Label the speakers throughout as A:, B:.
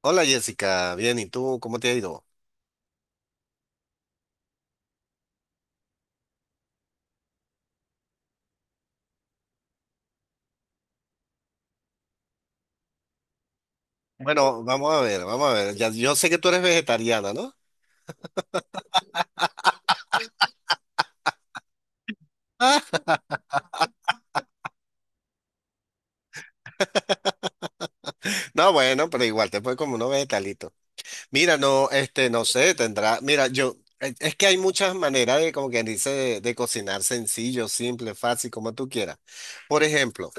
A: Hola Jessica, bien, ¿y tú cómo te ha ido? Bueno, vamos a ver, vamos a ver. Ya, yo sé que tú eres vegetariana, ¿no? No, bueno, pero igual te puedes como unos vegetalitos. Mira, no, este, no sé, tendrá. Mira, yo, es que hay muchas maneras de, como quien dice, de cocinar sencillo, simple, fácil, como tú quieras. Por ejemplo,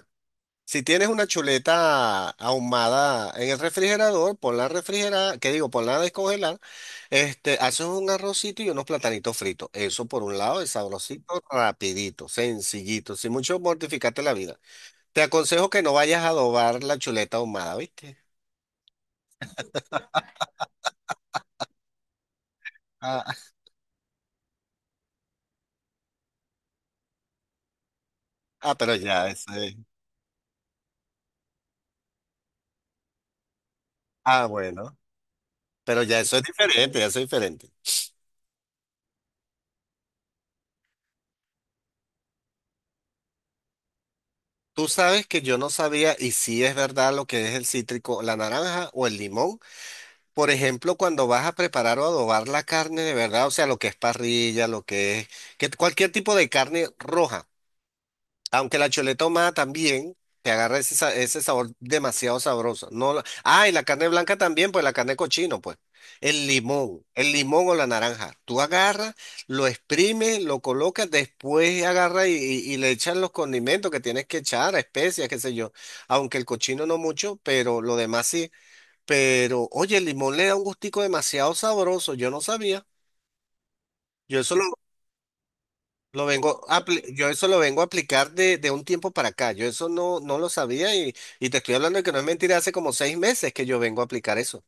A: si tienes una chuleta ahumada en el refrigerador, ponla a refrigerar, ¿qué digo? Ponla a descongelar. Este, haces un arrocito y unos platanitos fritos. Eso por un lado es sabrosito, rapidito, sencillito, sin mucho mortificarte la vida. Te aconsejo que no vayas a adobar la chuleta ahumada, ¿viste? Ah, ah, pero ya, eso es. Ah, bueno, pero ya eso es diferente, ya eso es diferente. Tú sabes que yo no sabía y si es verdad lo que es el cítrico, la naranja o el limón. Por ejemplo, cuando vas a preparar o adobar la carne de verdad, o sea, lo que es parrilla, lo que es, que cualquier tipo de carne roja. Aunque la chuleta choletoma también te agarra ese sabor demasiado sabroso. No, y la carne blanca también, pues la carne de cochino, pues. El limón o la naranja. Tú agarras, lo exprimes, lo colocas, después agarras y le echas los condimentos que tienes que echar, especias, qué sé yo. Aunque el cochino no mucho, pero lo demás sí. Pero, oye, el limón le da un gustico demasiado sabroso. Yo no sabía. Yo solo yo eso lo vengo a aplicar de un tiempo para acá. Yo eso no lo sabía y te estoy hablando de que no es mentira, hace como 6 meses que yo vengo a aplicar eso.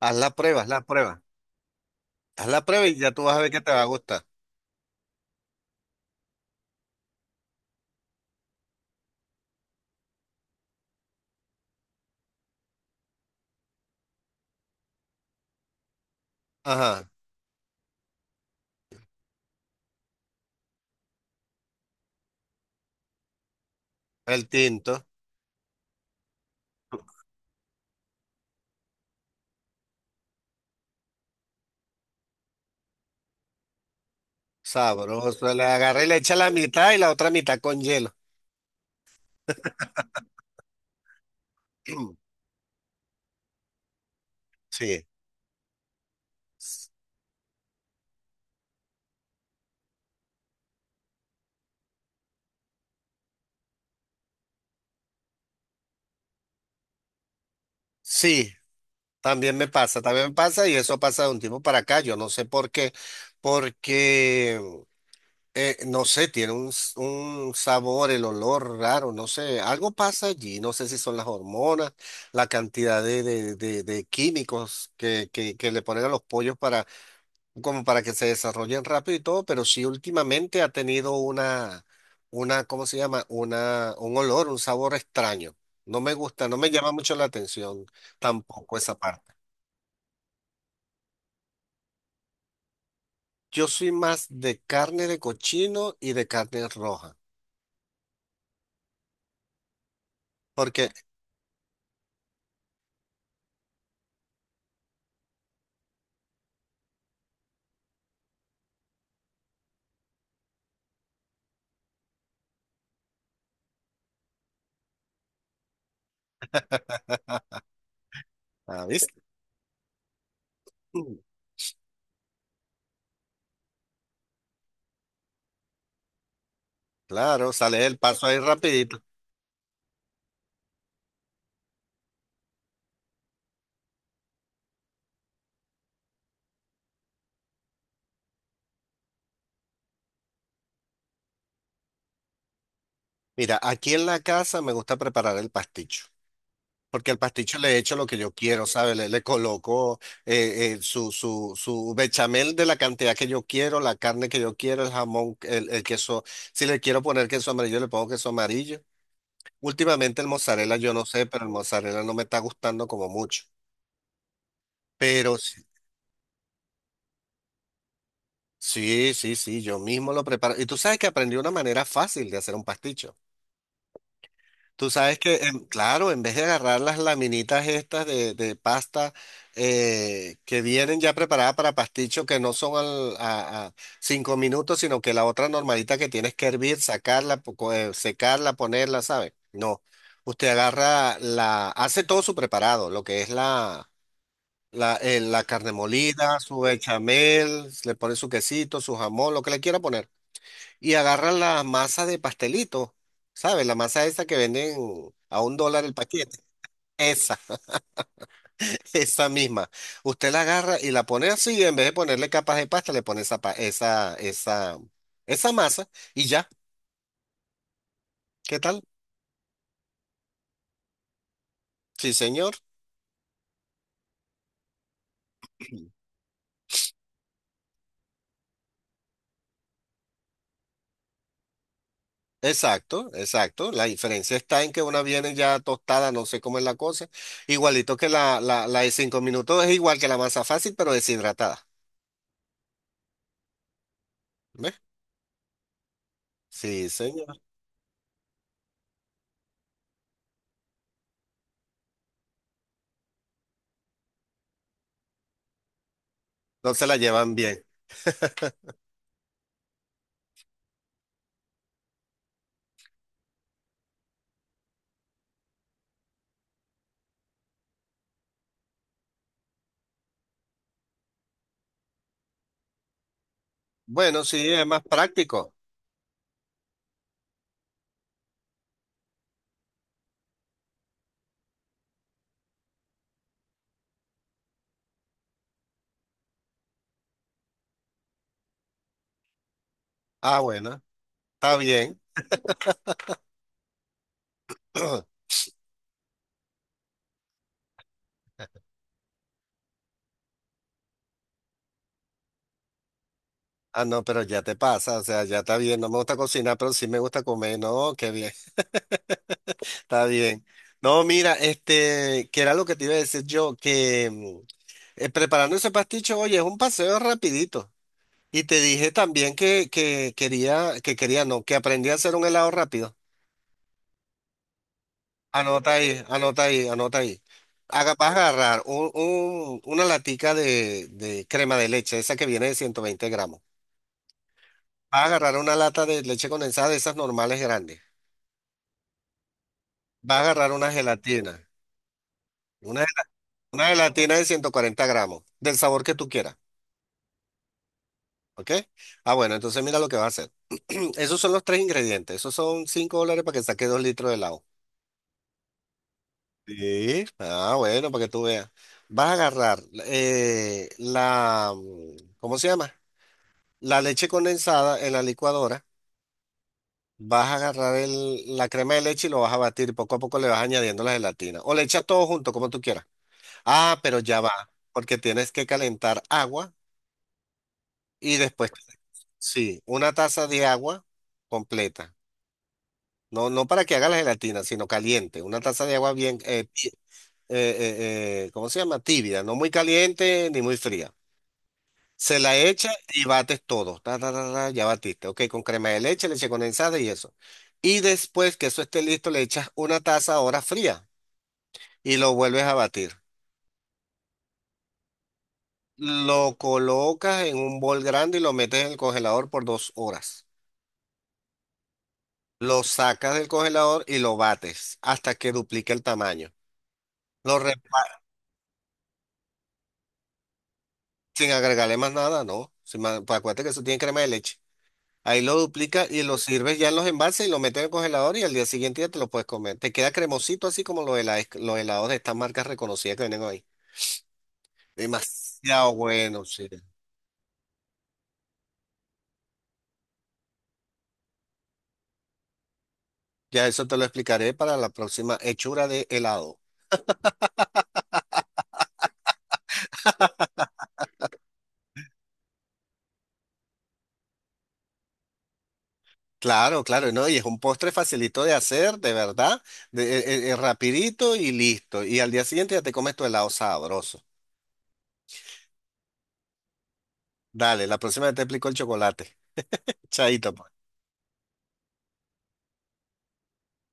A: Haz la prueba, haz la prueba. Haz la prueba y ya tú vas a ver que te va a gustar. Ajá, el tinto, sabroso. Le agarra y le echa la mitad y la otra mitad con hielo. Sí, sí, también me pasa y eso pasa de un tiempo para acá. Yo no sé por qué, porque. No sé, tiene un sabor, el olor raro, no sé, algo pasa allí, no sé si son las hormonas, la cantidad de químicos que le ponen a los pollos para, como para que se desarrollen rápido y todo, pero sí últimamente ha tenido una, ¿cómo se llama? Un olor, un sabor extraño. No me gusta, no me llama mucho la atención tampoco esa parte. Yo soy más de carne de cochino y de carne roja, porque, ah, ¿viste? Claro, sale del paso ahí rapidito. Mira, aquí en la casa me gusta preparar el pasticho, porque el pasticho le echo lo que yo quiero, ¿sabes? Le coloco su bechamel de la cantidad que yo quiero, la carne que yo quiero, el jamón, el queso. Si le quiero poner queso amarillo, le pongo queso amarillo. Últimamente el mozzarella, yo no sé, pero el mozzarella no me está gustando como mucho. Pero sí, sí, sí, sí, yo mismo lo preparo. Y tú sabes que aprendí una manera fácil de hacer un pasticho. Tú sabes que, claro, en vez de agarrar las laminitas estas de pasta que vienen ya preparadas para pasticho, que no son a 5 minutos, sino que la otra normalita que tienes que hervir, sacarla, secarla, ponerla, ¿sabes? No. Usted agarra hace todo su preparado, lo que es la carne molida, su bechamel, le pone su quesito, su jamón, lo que le quiera poner y agarran la masa de pastelito, ¿sabes? La masa esa que venden a $1 el paquete. Esa, esa misma. Usted la agarra y la pone así, y en vez de ponerle capas de pasta, le pone esa, pa- esa masa y ya. ¿Qué tal? Sí, señor. Exacto, exacto. La diferencia está en que una viene ya tostada, no sé cómo es la cosa. Igualito que la de 5 minutos, es igual que la masa fácil, pero deshidratada. ¿Ves? Sí, señor. Entonces la llevan bien. Bueno, sí, es más práctico. Ah, bueno, está bien. Ah, no, pero ya te pasa, o sea, ya está bien. No me gusta cocinar, pero sí me gusta comer. No, qué bien, está bien. No, mira, este, que era lo que te iba a decir yo, que preparando ese pasticho, oye, es un paseo rapidito. Y te dije también que quería, no, que aprendí a hacer un helado rápido. Anota ahí, anota ahí, anota ahí. Haga, vas a agarrar una latica de crema de leche, esa que viene de 120 gramos. Va a agarrar una lata de leche condensada de esas normales grandes. Va a agarrar una gelatina. Una, gel- una gelatina de 140 gramos, del sabor que tú quieras. ¿Ok? Ah, bueno, entonces mira lo que va a hacer. Esos son los tres ingredientes. Esos son $5 para que saque 2 litros de helado. Sí. Ah, bueno, para que tú veas. Vas a agarrar ¿cómo se llama? La leche condensada en la licuadora. Vas a agarrar la crema de leche y lo vas a batir. Poco a poco le vas añadiendo la gelatina. O le echas todo junto, como tú quieras. Ah, pero ya va, porque tienes que calentar agua y después, sí, una taza de agua completa. No, no para que haga la gelatina, sino caliente. Una taza de agua bien, ¿cómo se llama? Tibia, no muy caliente ni muy fría. Se la echa y bates todo. Ta, ta, ta, ta, ya batiste. Ok, con crema de leche, leche condensada y eso. Y después que eso esté listo, le echas una taza ahora fría y lo vuelves a batir. Lo colocas en un bol grande y lo metes en el congelador por 2 horas. Lo sacas del congelador y lo bates hasta que duplique el tamaño. Lo repa- sin agregarle más nada, ¿no? Sin más- Pues acuérdate que eso tiene crema de leche. Ahí lo duplica y lo sirves ya en los envases y lo metes en el congelador y al día siguiente ya te lo puedes comer. Te queda cremosito así como los helados de estas marcas reconocidas que vienen hoy. Demasiado bueno, sí. Ya eso te lo explicaré para la próxima hechura de helado. Claro, claro, ¿no? Y es un postre facilito de hacer, de verdad, rapidito y listo. Y al día siguiente ya te comes tu helado sabroso. Dale, la próxima vez te explico el chocolate. Chaito, pues.